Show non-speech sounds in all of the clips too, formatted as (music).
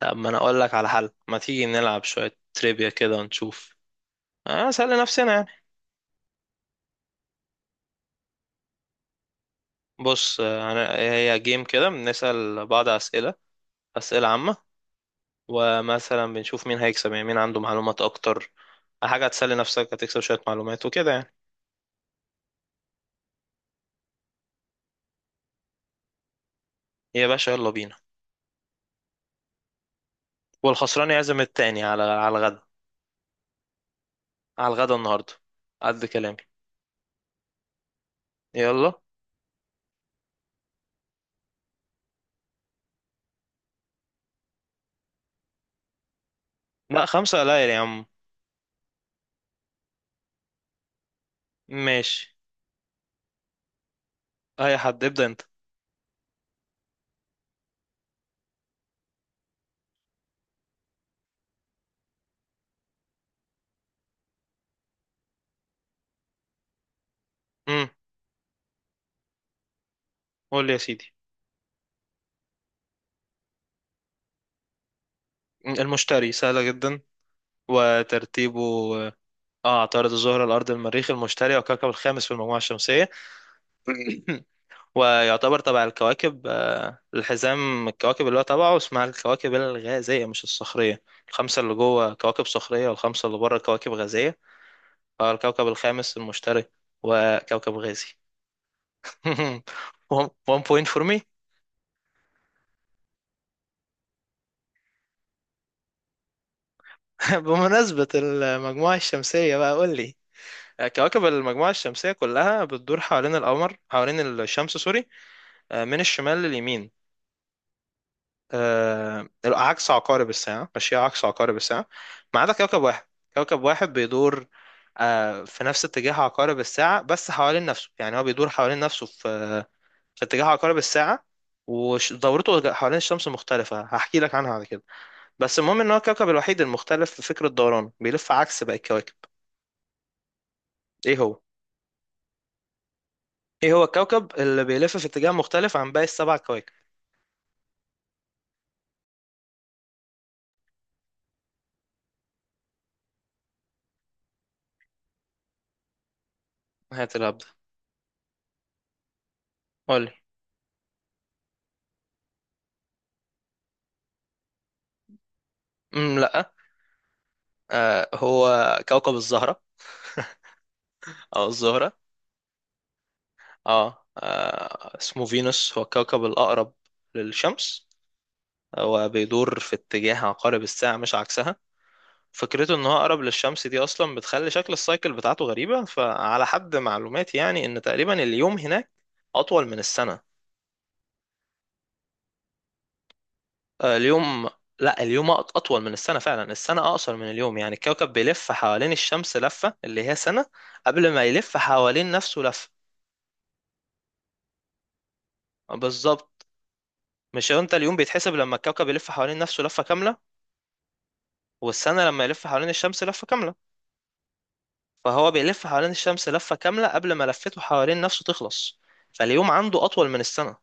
طب ما انا اقول لك على حل، ما تيجي نلعب شوية تريبيا كده ونشوف، اسأل نفسنا يعني. بص، هي جيم كده بنسأل بعض اسئلة عامة. ومثلا بنشوف مين هيكسب، يعني مين عنده معلومات اكتر. حاجة هتسلي نفسك، هتكسب شوية معلومات وكده يعني. يا باشا يلا بينا. والخسران يعزم التاني على الغدا. على الغدا النهاردة، قد كلامي. يلا. لا، خمسة قليل يا عم. ماشي، اي حد، ابدأ انت. امم قول لي يا سيدي. المشتري، سهلة جدا. وترتيبه، اه عطارد، الزهرة، الأرض، المريخ، المشتري، والكوكب الخامس في المجموعة الشمسية. (clears throat) ويعتبر تبع الكواكب، الحزام الكواكب اللي هو تبعه اسمها الكواكب الغازية مش الصخرية. الخمسة اللي جوه كواكب صخرية، والخمسة اللي بره كواكب غازية. فالكوكب الخامس المشتري، وكوكب غازي. (laughs) One point for me. (laughs) بمناسبة المجموعة الشمسية بقى قول لي. كواكب المجموعة الشمسية كلها بتدور حوالين القمر، حوالين الشمس، سوري. من الشمال لليمين. عكس عقارب الساعة، ماشية عكس عقارب الساعة، ما عدا كوكب واحد. كوكب واحد بيدور في نفس اتجاه عقارب الساعة، بس حوالين نفسه، يعني هو بيدور حوالين نفسه في اتجاه عقارب الساعة. ودورته حوالين الشمس مختلفة، هحكي لك عنها بعد كده. بس المهم ان هو الكوكب الوحيد المختلف في فكرة دورانه، بيلف عكس باقي الكواكب. ايه هو؟ ايه هو الكوكب اللي بيلف في اتجاه مختلف عن باقي السبع كواكب؟ هات الهبدة، قولي. لا. هو كوكب الزهرة، او الزهرة. اسمه فينوس، هو الكوكب الأقرب للشمس، وبيدور في اتجاه عقارب الساعة مش عكسها. فكرته ان هو اقرب للشمس دي اصلا بتخلي شكل السايكل بتاعته غريبة. فعلى حد معلوماتي يعني، ان تقريبا اليوم هناك اطول من السنة. اليوم، لا، اليوم اطول من السنة. فعلا السنة اقصر من اليوم، يعني الكوكب بيلف حوالين الشمس لفة اللي هي سنة قبل ما يلف حوالين نفسه لفة. بالظبط. مش هو انت اليوم بيتحسب لما الكوكب يلف حوالين نفسه لفة كاملة، والسنة لما يلف حوالين الشمس لفة كاملة. فهو بيلف حوالين الشمس لفة كاملة قبل ما لفته حوالين نفسه تخلص، فاليوم عنده أطول من السنة.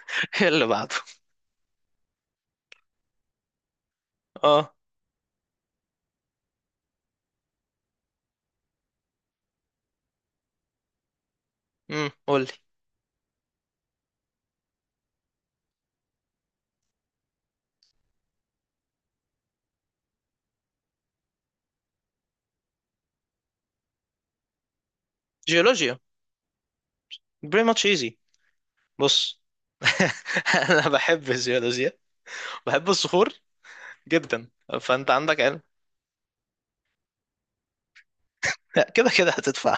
(laughs) إيه اللي بعده؟ اه. قولي. جيولوجيا. Pretty much easy. بص. (laughs) أنا بحب الجيولوجيا، بحب الصخور جدا. فأنت عندك علم. (laughs) لا، كده كده هتدفع.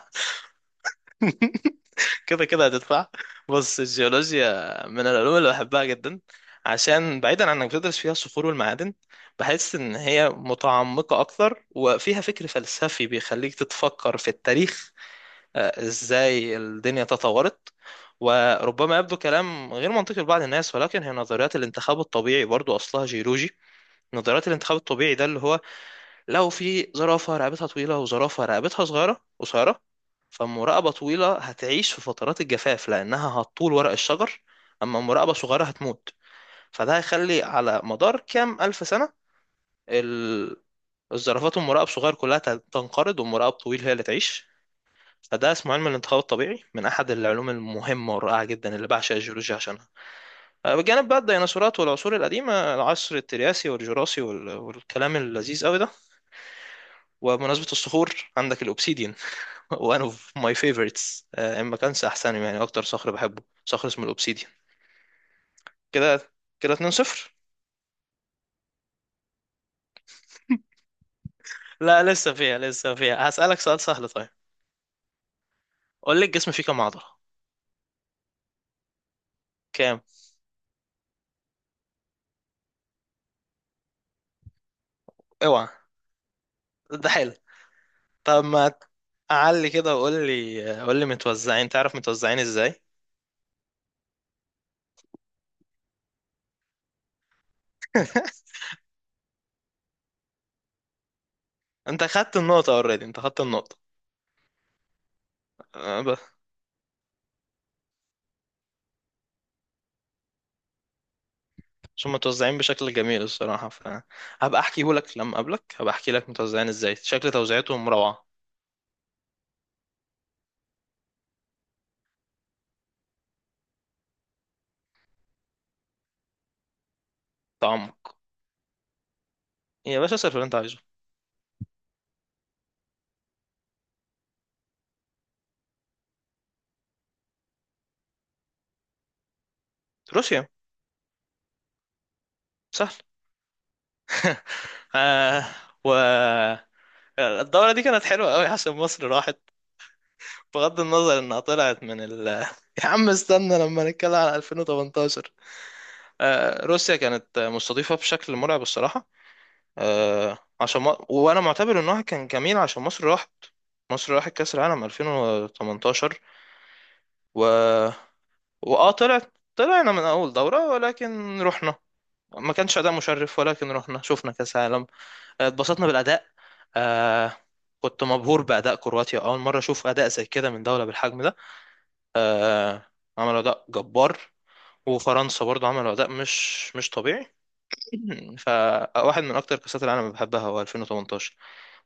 (laughs) كده كده هتدفع. بص، الجيولوجيا من العلوم اللي بحبها جدا، عشان بعيدا عن انك بتدرس فيها الصخور والمعادن، بحس ان هي متعمقة اكتر وفيها فكر فلسفي بيخليك تتفكر في التاريخ. ازاي الدنيا تطورت. وربما يبدو كلام غير منطقي لبعض الناس، ولكن هي نظريات الانتخاب الطبيعي برضو اصلها جيولوجي. نظريات الانتخاب الطبيعي ده اللي هو، لو في زرافة رقبتها طويلة وزرافة رقبتها صغيرة قصيرة، فالمراقبة طويلة هتعيش في فترات الجفاف لأنها هتطول ورق الشجر، أما مراقبة صغيرة هتموت. فده هيخلي على مدار كام ألف سنة ال- الزرافات والمراقب صغير كلها تنقرض، والمراقب طويل هي اللي تعيش. فده اسمه علم الانتخاب الطبيعي، من أحد العلوم المهمة والرائعة جدا اللي بعشق الجيولوجيا عشانها. بجانب بقى الديناصورات والعصور القديمة، العصر الترياسي والجراسي والكلام اللذيذ قوي ده. وبمناسبة الصخور، عندك الأوبسيديان. وان اوف ماي فيفورتس، ان ما كانش احسنهم، يعني اكتر صخر بحبه صخر اسمه الاوبسيديان. كده. كده 2-0. لا، لسه فيها، هسألك سؤال سهل. طيب، قول لي، الجسم فيه كام عضلة؟ كام؟ اوعى. ده حلو. طب ما اعلي كده، وقول لي قول لي متوزعين، تعرف متوزعين ازاي؟ (laughs) انت خدت النقطة اوريدي، انت خدت النقطة. بس، هم متوزعين بشكل جميل الصراحة. فهبقى احكيهولك لما اقابلك، هبقى احكي لك متوزعين ازاي، شكل توزيعتهم روعة. تعمق. يا باشا، صرف اللي انت عايزه. روسيا، سهل. (laughs) آه و الدورة دي كانت حلوة أوي عشان مصر راحت. بغض النظر إنها طلعت من (laughs) يا عم استنى لما نتكلم على 2018. روسيا كانت مستضيفة بشكل مرعب الصراحة. عشان ما... وأنا معتبر إنها كان جميل عشان مصر راحت. مصر راحت كأس العالم 2018. و طلعنا من أول دورة، ولكن رحنا. ما كانش أداء مشرف، ولكن رحنا شفنا كأس عالم. اتبسطنا بالأداء. آه كنت مبهور بأداء كرواتيا، أول مرة أشوف أداء زي كده من دولة بالحجم ده. آه عملوا أداء جبار. وفرنسا برضو عملوا أداء مش طبيعي. (clears throat) فواحد من أكتر كأسات العالم اللي بحبها هو 2018.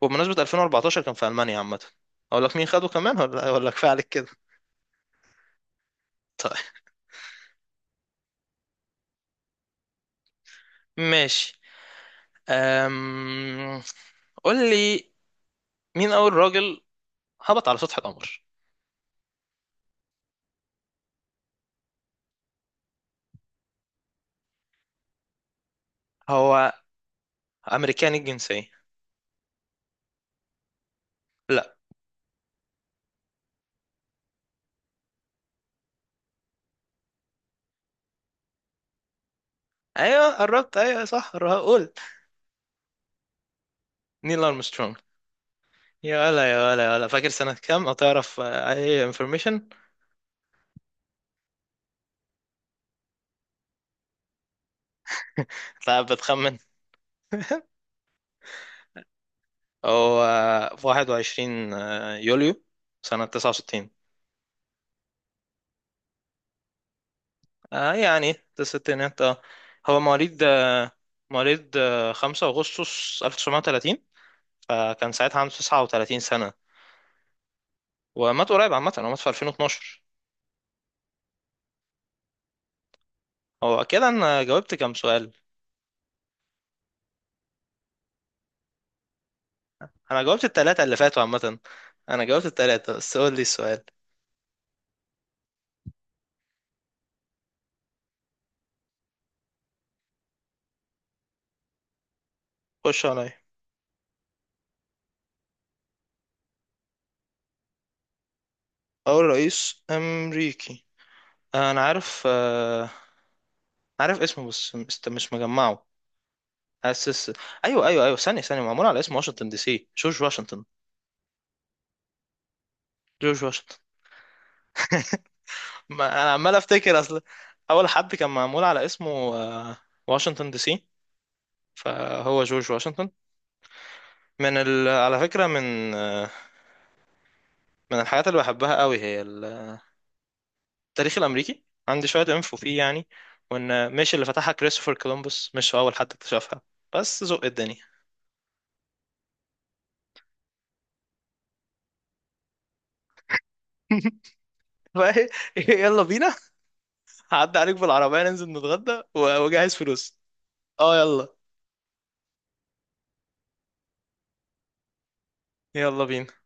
وبمناسبة 2014، كان في ألمانيا عامة. أقول لك مين خده كمان ولا (laughs) ولا كفاية عليك كده؟ (laughs) طيب، ماشي. أم... قول لي، مين أول راجل هبط على سطح القمر؟ هو أمريكاني الجنسية. لا. ايوه قربت، ايوه صح، قول. نيل ارمسترونج. يا ولا يا ولا يا ولا، فاكر سنة كام، او تعرف اي انفورميشن؟ لا بتخمن. هو في 21 يوليو، سنة 69. يعني في الستينات. اه. هو مواليد 5 اغسطس 1930، فكان ساعتها عنده 39 سنة. ومات قريب عامة، هو مات في 2012. هو كده، انا جاوبت كام سؤال؟ انا جاوبت التلاتة اللي فاتوا عامة. انا جاوبت التلاتة، بس قول لي السؤال. خش عليا. أول رئيس أمريكي. أنا عارف، عارف اسمه بس مش مجمعه. أسس. أيوه أيوه أيوه، ثانية ثانية، معمول على اسم واشنطن دي سي، جورج واشنطن. جورج واشنطن. (laughs) ما أنا عمال أفتكر، أصل أول حد كان معمول على اسمه آه، واشنطن دي سي، فهو جورج واشنطن. على فكرة، من الحاجات اللي بحبها قوي هي التاريخ الأمريكي، عندي شوية انفو فيه يعني. وإن مش اللي فتحها كريستوفر كولومبوس، مش هو أول حد اكتشفها، بس ذوق الدنيا. (laughs) فايه. يلا بينا. هعدي عليك بالعربية، ننزل نتغدى واجهز فلوس. اه، يلا. يلا بينا.